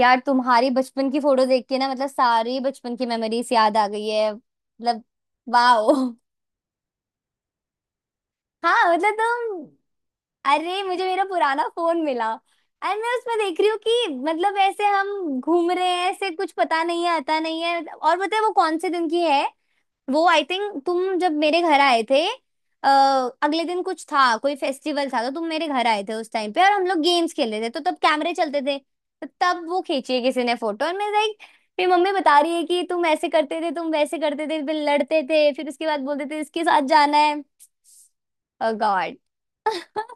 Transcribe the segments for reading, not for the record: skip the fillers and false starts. यार तुम्हारी बचपन की फोटो देख के ना, मतलब सारी बचपन की मेमोरीज याद आ गई है मतलब। वाओ। हाँ मतलब तुम। अरे मुझे मेरा पुराना फोन मिला। एंड मैं उसमें देख रही हूँ कि मतलब ऐसे हम घूम रहे हैं, ऐसे कुछ पता नहीं है, आता नहीं है। और पता है वो कौन से दिन की है? वो आई थिंक तुम जब मेरे घर आए थे। अ, अगले दिन कुछ था, कोई फेस्टिवल था, तो तुम मेरे घर आए थे उस टाइम पे और हम लोग गेम्स खेल रहे थे, तो तब कैमरे चलते थे, तो तब वो खींची है किसी ने फोटो। और मैं लाइक, मेरी मम्मी बता रही है कि तुम ऐसे करते थे, तुम वैसे करते थे, फिर लड़ते थे, फिर उसके बाद बोलते थे इसके साथ जाना है। Oh God.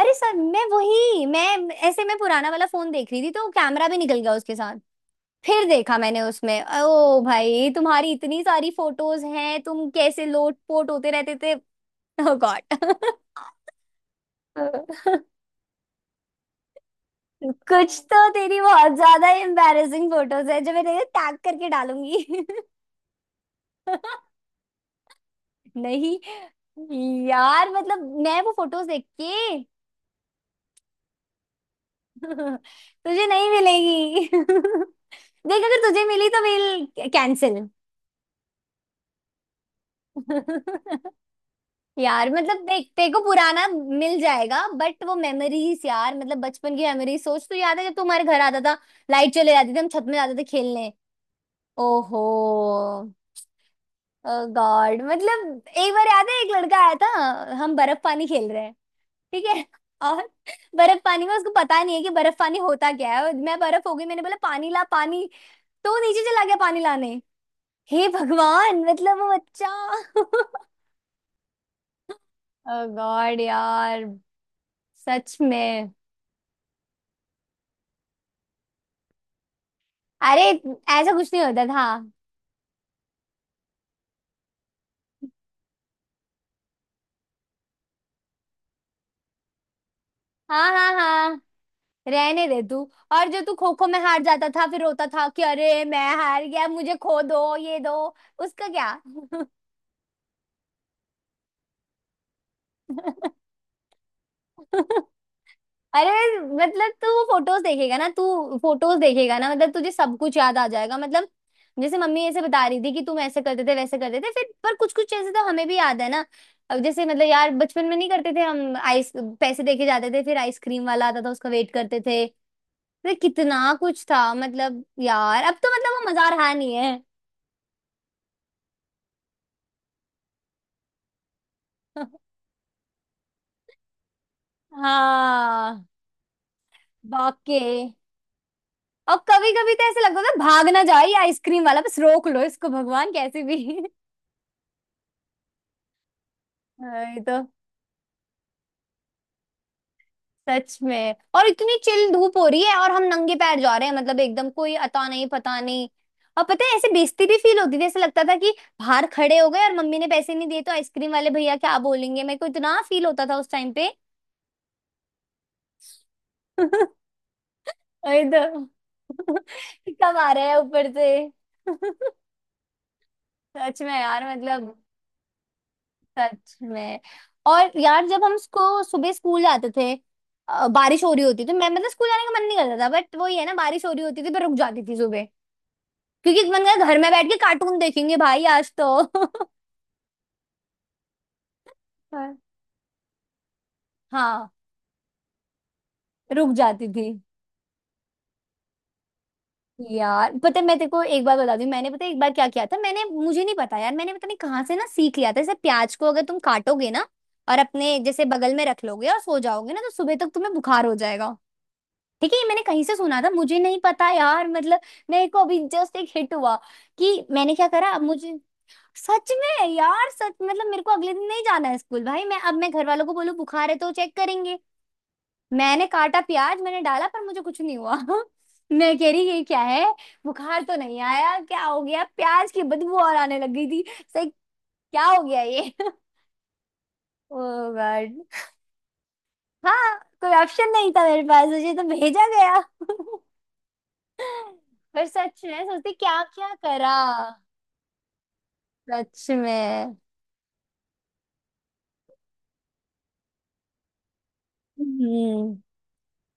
अरे सर मैं ऐसे मैं पुराना वाला फोन देख रही थी तो कैमरा भी निकल गया उसके साथ। फिर देखा मैंने उसमें, ओ भाई तुम्हारी इतनी सारी फोटोज हैं, तुम कैसे लोट पोट होते रहते थे। ओ गॉड। कुछ तो तेरी बहुत ज्यादा एम्बैरेसिंग फोटोज है, जो मैं तेरे टैग करके डालूंगी। नहीं। यार मतलब मैं वो फोटोज देख के तुझे नहीं मिलेगी। देख, अगर तुझे मिली तो मिल। कैंसिल। यार मतलब देख, तेरे को पुराना मिल जाएगा, बट वो मेमोरीज, यार मतलब बचपन की मेमोरीज सोच। तो याद है जब तू हमारे घर आता था, लाइट चले जाती थी, हम छत में जाते थे खेलने। ओहो गॉड। मतलब एक बार याद है एक लड़का आया था, हम बर्फ पानी खेल रहे हैं, ठीक है? और बर्फ पानी में उसको पता नहीं है कि बर्फ पानी होता क्या है, और मैं बर्फ हो गई, मैंने बोला पानी ला पानी। तो वो नीचे चला गया पानी लाने। हे भगवान, मतलब वो बच्चा। गॉड यार। सच में। अरे ऐसा कुछ नहीं होता था। हाँ हाँ हाँ। रहने दे तू। और जो तू खो खो में हार जाता था फिर रोता था कि अरे मैं हार गया, मुझे खो दो ये दो। उसका क्या? अरे मतलब तू फोटोज देखेगा ना, तू फोटोज देखेगा ना, मतलब तुझे सब कुछ याद आ जाएगा मतलब। जैसे मम्मी ऐसे बता रही थी कि तुम ऐसे करते थे वैसे करते थे, फिर पर कुछ कुछ चीजें तो हमें भी याद है ना। अब जैसे मतलब यार बचपन में नहीं करते थे हम आइस पैसे देके जाते थे, फिर आइसक्रीम वाला आता था, उसका वेट करते थे। अरे कितना कुछ था मतलब यार। अब तो मतलब वो मजा रहा नहीं है। हाँ। बाके और कभी कभी तो ऐसे लगता था भाग ना जाए ये आइसक्रीम वाला, बस रोक लो इसको भगवान कैसे भी। ये तो सच में। और इतनी चिल धूप हो रही है और हम नंगे पैर जा रहे हैं, मतलब एकदम, कोई अता नहीं पता नहीं। और पता है ऐसे बेइज्जती भी फील होती थी, ऐसे लगता था कि बाहर खड़े हो गए और मम्मी ने पैसे नहीं दिए तो आइसक्रीम वाले भैया क्या बोलेंगे। मेरे को इतना फील होता था उस टाइम पे। वही तो। कब आ रहा है ऊपर से। सच में यार मतलब। सच में। और यार जब हम सुबह स्कूल जाते थे, बारिश हो रही होती, तो मैं मतलब स्कूल जाने का मन नहीं करता था। बट वही है ना, बारिश हो रही होती थी पर रुक जाती थी सुबह। क्योंकि मन कर घर में बैठ के कार्टून देखेंगे भाई आज तो। पर हाँ रुक जाती थी। यार पता है मैं तेरे को एक बार बता दूं, मैंने पता है एक बार क्या किया था, मैंने, मुझे नहीं पता यार, मैंने पता नहीं कहाँ से ना सीख लिया था जैसे प्याज को अगर तुम काटोगे ना और अपने जैसे बगल में रख लोगे और सो जाओगे ना तो सुबह तक तुम्हें बुखार हो जाएगा। ठीक है? ये मैंने कहीं से सुना था, मुझे नहीं पता यार मतलब। मेरे को अभी जस्ट एक हिट हुआ कि मैंने क्या करा अब मुझे। सच में यार सच मतलब मेरे को अगले दिन नहीं जाना है स्कूल भाई, मैं अब मैं घर वालों को बोलूं बुखार है तो चेक करेंगे। मैंने काटा प्याज, मैंने डाला, पर मुझे कुछ नहीं हुआ। मैं कह रही ये क्या है, बुखार तो नहीं आया, क्या हो गया? प्याज की बदबू और आने लग गई थी। सही। क्या हो गया ये? ओ गॉड। हाँ, कोई ऑप्शन नहीं था मेरे पास, मुझे तो भेजा गया। पर सच में सोचती क्या क्या करा। सच में। हम्म।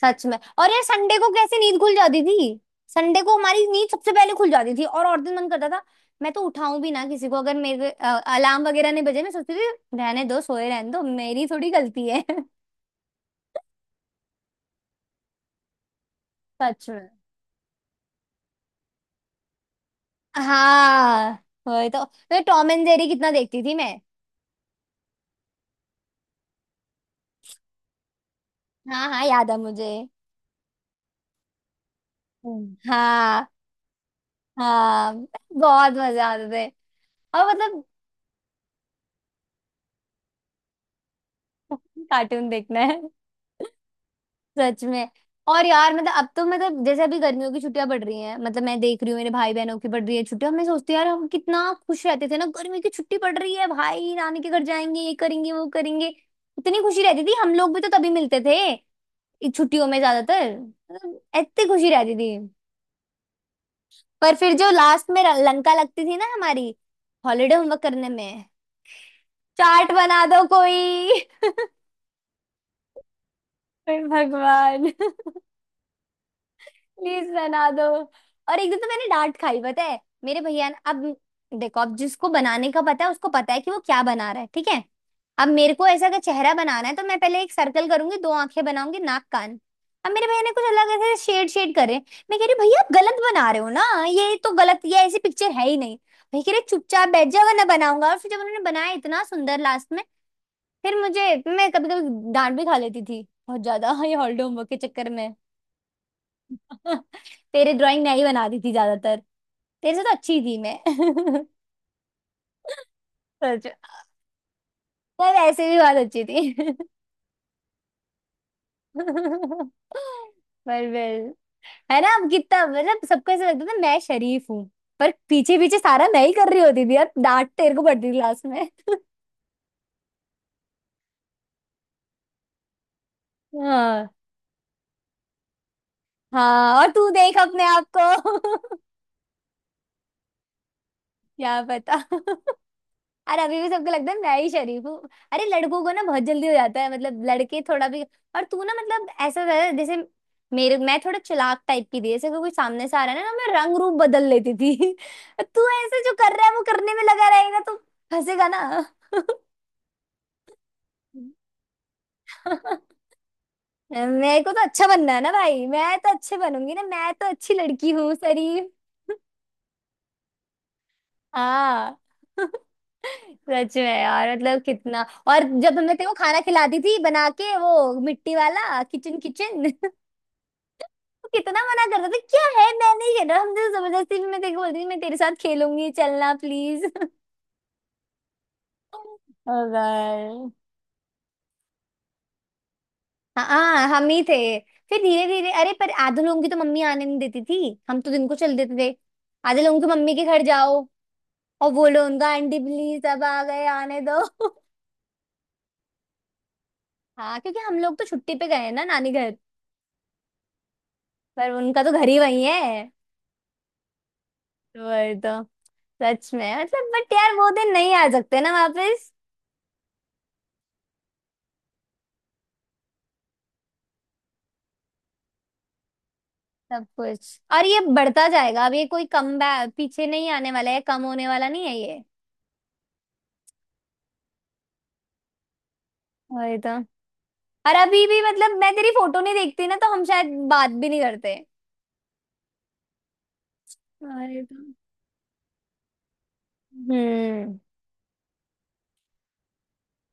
सच में। और यार संडे को कैसे नींद खुल जाती थी। संडे को हमारी नींद सबसे पहले खुल जाती थी, और दिन मन करता था। मैं तो उठाऊं भी ना किसी को, अगर मेरे अलार्म वगैरह नहीं बजे मैं सोचती थी रहने दो सोए, रहने दो, मेरी थोड़ी गलती है। सच में। हाँ वही तो। मैं टॉम एंड जेरी कितना देखती थी मैं। हाँ हाँ, याद है मुझे। हम्म। हाँ। हाँ बहुत मजा आते थे। और मतलब कार्टून देखना है। सच में। और यार मतलब अब तो मतलब जैसे अभी गर्मियों की छुट्टियां पड़ रही हैं, मतलब मैं देख रही हूँ मेरे भाई बहनों की पड़ रही है छुट्टियां, मैं सोचती हूँ यार हम कितना खुश रहते थे ना, गर्मी की छुट्टी पड़ रही है भाई, नानी के घर जाएंगे ये करेंगे वो करेंगे। इतनी खुशी रहती थी, हम लोग भी तो तभी मिलते थे इन छुट्टियों में ज्यादातर, मतलब इतनी खुशी रहती थी। पर फिर जो लास्ट में लंका लगती थी ना हमारी, हॉलीडे होमवर्क करने में। चाट बना दो कोई। हे भगवान। प्लीज बना दो। और एक दिन तो मैंने डांट खाई पता है मेरे भैया ने। अब देखो, अब जिसको बनाने का पता है उसको पता है कि वो क्या बना रहा है, ठीक है? अब मेरे को ऐसा अगर चेहरा बनाना है तो मैं पहले एक सर्कल करूंगी, दो आंखें बनाऊंगी, नाक कान। अब मेरे भैया ने कुछ अलग ऐसे शेड शेड करे। मैं कह रही भैया आप गलत बना रहे हो ना, ये तो गलत, ये ऐसी पिक्चर है ही नहीं। भैया कह रहे चुपचाप बैठ जा वरना बनाऊंगा। और फिर जब उन्होंने बनाया इतना सुंदर लास्ट में, फिर मुझे, मैं कभी कभी डांट भी खा लेती थी बहुत ज्यादा। हाँ, ये हॉलीडे होमवर्क के चक्कर में। तेरे ड्राइंग मैं ही बनाती थी ज्यादातर। तेरे से तो अच्छी थी मैं। सच। पर ऐसे भी बहुत अच्छी थी। पर वेल है ना, हम कितना मतलब सबको ऐसा लगता था मैं शरीफ हूँ, पर पीछे पीछे सारा मैं ही कर रही होती थी यार, डांट तेरे को पड़ती थी क्लास में। हाँ हाँ, और तू देख अपने आप को। क्या पता। अरे अभी भी सबको लगता है मैं ही शरीफ हूँ। अरे लड़कों को ना बहुत जल्दी हो जाता है मतलब लड़के थोड़ा भी। और तू ना मतलब ऐसा था जैसे, मेरे, मैं थोड़ा चालाक टाइप की थी, जैसे कोई सामने से आ रहा है ना, ना, मैं रंग रूप बदल लेती थी। तू ऐसे जो कर रहा है वो करने में लगा रहेगा तो फंसेगा ना। मेरे को तो अच्छा बनना है ना भाई, मैं तो अच्छे बनूंगी ना, मैं तो अच्छी लड़की हूँ शरीफ। हाँ। सच में यार मतलब कितना। और जब हमने तेरे को खाना खिलाती थी बना के वो मिट्टी वाला किचन किचन। वो कितना मना करता था, क्या है मैं नहीं खेल रहा, हम तो जबरदस्ती भी मैं तेरे को बोलती थी मैं तेरे साथ खेलूंगी चलना प्लीज। अरे। हाँ हम ही थे। फिर धीरे धीरे, अरे पर आधे लोगों की तो मम्मी आने नहीं देती थी। हम तो दिन को चल देते थे। आधे लोगों की मम्मी के घर जाओ और बोलो उनका आंटी प्लीज सब आ गए आने दो। हाँ क्योंकि हम लोग तो छुट्टी पे गए हैं ना नानी घर, पर उनका तो घर ही वही है। वही तो। सच में मतलब, बट यार वो दिन नहीं आ सकते ना वापस। सब कुछ और ये बढ़ता जाएगा, अब ये कोई कम बैक पीछे नहीं आने वाला है, कम होने वाला नहीं है ये। वही तो। और अभी भी मतलब मैं तेरी फोटो नहीं देखती ना तो हम शायद बात भी नहीं करते। वही तो। हम्म।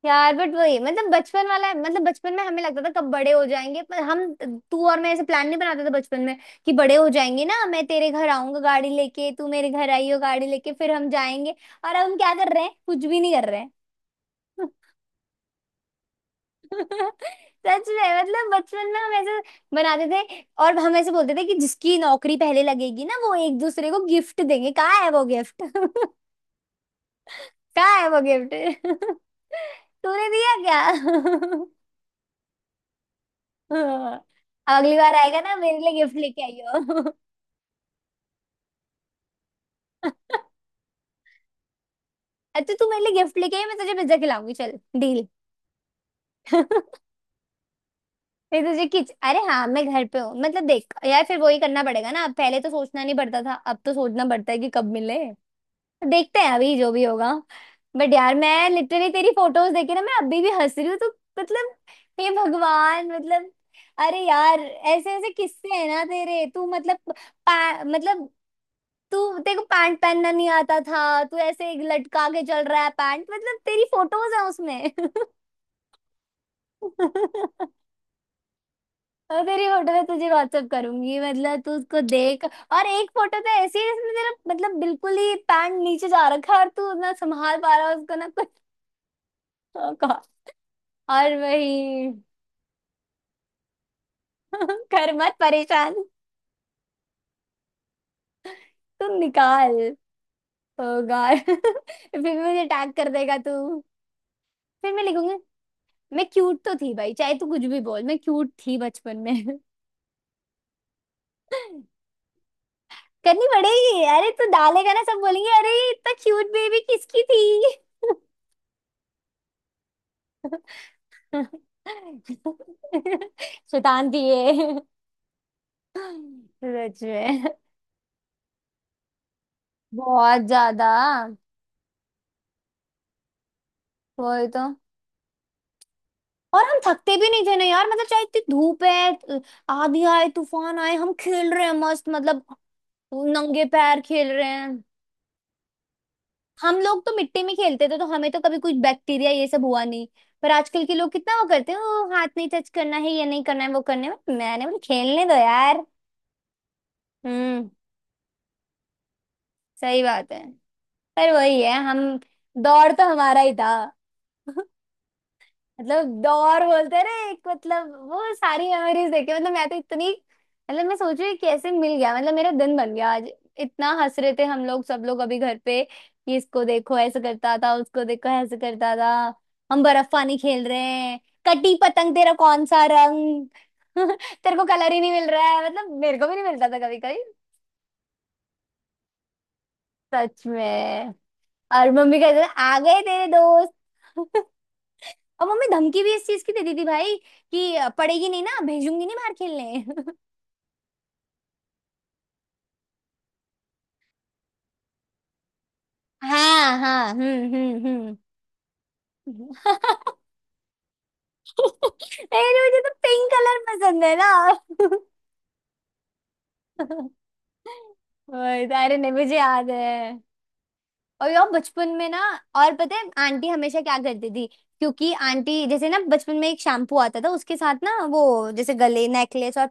यार बट वही मतलब बचपन वाला है, मतलब बचपन में हमें लगता था कब बड़े हो जाएंगे, पर हम, तू और मैं ऐसे प्लान नहीं बनाते थे बचपन में कि बड़े हो जाएंगे ना, मैं तेरे घर आऊंगा गाड़ी लेके, तू मेरे घर आई हो गाड़ी लेके, फिर हम जाएंगे। और अब हम क्या कर रहे हैं, कुछ भी नहीं कर रहे हैं। सच में, मतलब बचपन में हम ऐसे बनाते थे। और हम ऐसे बोलते थे कि जिसकी नौकरी पहले लगेगी ना वो एक दूसरे को गिफ्ट देंगे, कहाँ है वो गिफ्ट? कहाँ है वो गिफ्ट? तूने दिया क्या? हाँ, अब अगली बार आएगा ना मेरे लिए गिफ्ट लेके आइयो। अच्छा तू मेरे लिए गिफ्ट लेके आई, मैं तुझे पिज्जा खिलाऊंगी। चल, डील। मैं तुझे किच अरे हाँ, मैं घर पे हूँ। मतलब देख यार, फिर वही करना पड़ेगा ना। अब पहले तो सोचना नहीं पड़ता था, अब तो सोचना पड़ता है कि कब मिले। देखते हैं अभी जो भी होगा। बट यार, मैं लिटरली तेरी फोटोज देखे ना मैं अभी भी हंस रही हूँ, तो मतलब हे भगवान मतलब। अरे यार, ऐसे ऐसे किस्से हैं ना तेरे, तू मतलब पा, मतलब तू तेरे को पैंट पहनना नहीं आता था, तू ऐसे लटका के चल रहा है पैंट। मतलब तेरी फोटोज है उसमें। और तेरी फोटो मैं तुझे व्हाट्सअप करूंगी, मतलब तू उसको देख। और एक फोटो तो ऐसी है जिसमें तेरा मतलब बिल्कुल ही पैंट नीचे जा रखा है और तू ना संभाल पा रहा है उसको ना। ओ गॉड। और वही। कर मत परेशान। तू निकाल। ओ गॉड। फिर भी मुझे टैग कर देगा तू। फिर मैं लिखूंगी, मैं क्यूट तो थी भाई, चाहे तू कुछ भी बोल। मैं क्यूट थी बचपन में। करनी पड़ेगी। अरे, तू डालेगा ना सब बोलेंगे अरे ये इतना क्यूट बेबी किसकी थी। शैतान थी ये। सच में। बहुत ज्यादा। वही तो। और हम थकते भी नहीं थे ना यार, मतलब चाहे इतनी धूप है, आंधी आए तूफान आए हम खेल रहे हैं मस्त। मतलब नंगे पैर खेल रहे हैं। हम लोग तो मिट्टी में खेलते थे, तो हमें तो कभी कुछ बैक्टीरिया ये सब हुआ नहीं। पर आजकल के लोग कितना वो करते हैं "ओ, हाथ नहीं टच करना है, ये नहीं करना है, वो करने में"। मैंने बोला खेलने दो यार। हम्म। सही बात है। पर वही है, हम दौड़ तो हमारा ही था। मतलब दौर बोलते हैं ना एक, मतलब वो सारी मेमोरीज देखे, मतलब मैं तो इतनी मतलब मैं सोच रही हूँ कैसे मिल गया। मतलब मेरा दिन बन गया आज। इतना हंस रहे थे हम लोग, सब लोग अभी घर पे, कि इसको देखो ऐसे करता था, उसको देखो ऐसे करता था। हम बर्फ पानी खेल रहे हैं, कटी पतंग तेरा कौन सा रंग। तेरे को कलर ही नहीं मिल रहा है, मतलब मेरे को भी नहीं मिलता था कभी कभी। सच में। और मम्मी कहते थे आ गए तेरे दोस्त। और मम्मी धमकी भी इस चीज की देती थी भाई, कि पड़ेगी नहीं ना, भेजूंगी नहीं बाहर खेलने। हाँ हाँ, हम्म। लेकिन मुझे तो पिंक कलर पसंद है ना। वही तो। अरे नहीं, मुझे याद है। और यार बचपन में ना, और पता है आंटी हमेशा क्या करती थी, क्योंकि आंटी जैसे ना बचपन में एक शैम्पू आता था, उसके साथ ना वो जैसे गले नेकलेस और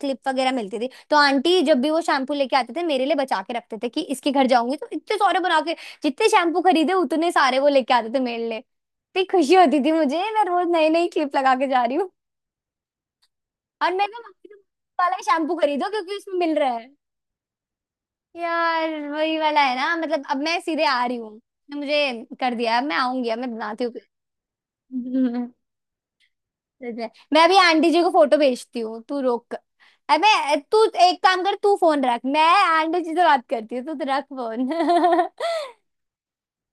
क्लिप वगैरह मिलती थी। तो आंटी जब भी वो शैम्पू लेके आते थे मेरे लिए बचा के रखते थे कि इसके घर जाऊंगी तो इतने सारे बना के, जितने शैम्पू खरीदे उतने सारे वो लेके आते थे मेरे लिए। इतनी खुशी होती थी मुझे, मैं रोज नई नई क्लिप लगा के जा रही हूँ। और मैं ना मम्मी से बोलती, वाला शैम्पू खरीदो क्योंकि उसमें मिल रहा है। यार वही वाला है ना। मतलब अब मैं सीधे आ रही हूँ, ने मुझे कर दिया, अब मैं आऊंगी, अब मैं बनाती हूँ। हम्म। सच में। मैं अभी आंटी जी को फोटो भेजती हूँ, तू रोक कर। अबे तू एक काम कर, तू फोन रख, मैं आंटी जी से बात करती हूँ। तू तो रख फोन।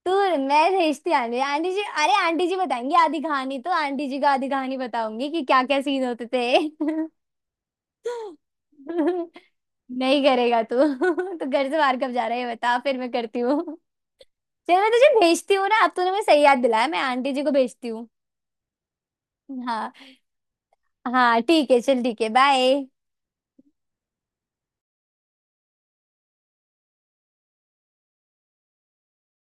तू, मैं भेजती हूँ। आंटी, आंटी जी, अरे आंटी जी बताएंगी आधी कहानी, तो आंटी जी का आधी कहानी बताऊंगी कि क्या क्या सीन होते थे। नहीं करेगा तू। तो घर से बाहर कब जा रहा है ये बता, फिर मैं करती हूँ। चल मैं तुझे भेजती हूँ ना, अब तूने मुझे सही याद दिलाया, मैं आंटी जी को भेजती हूँ। हाँ। हाँ ठीक है, चल ठीक है, बाय।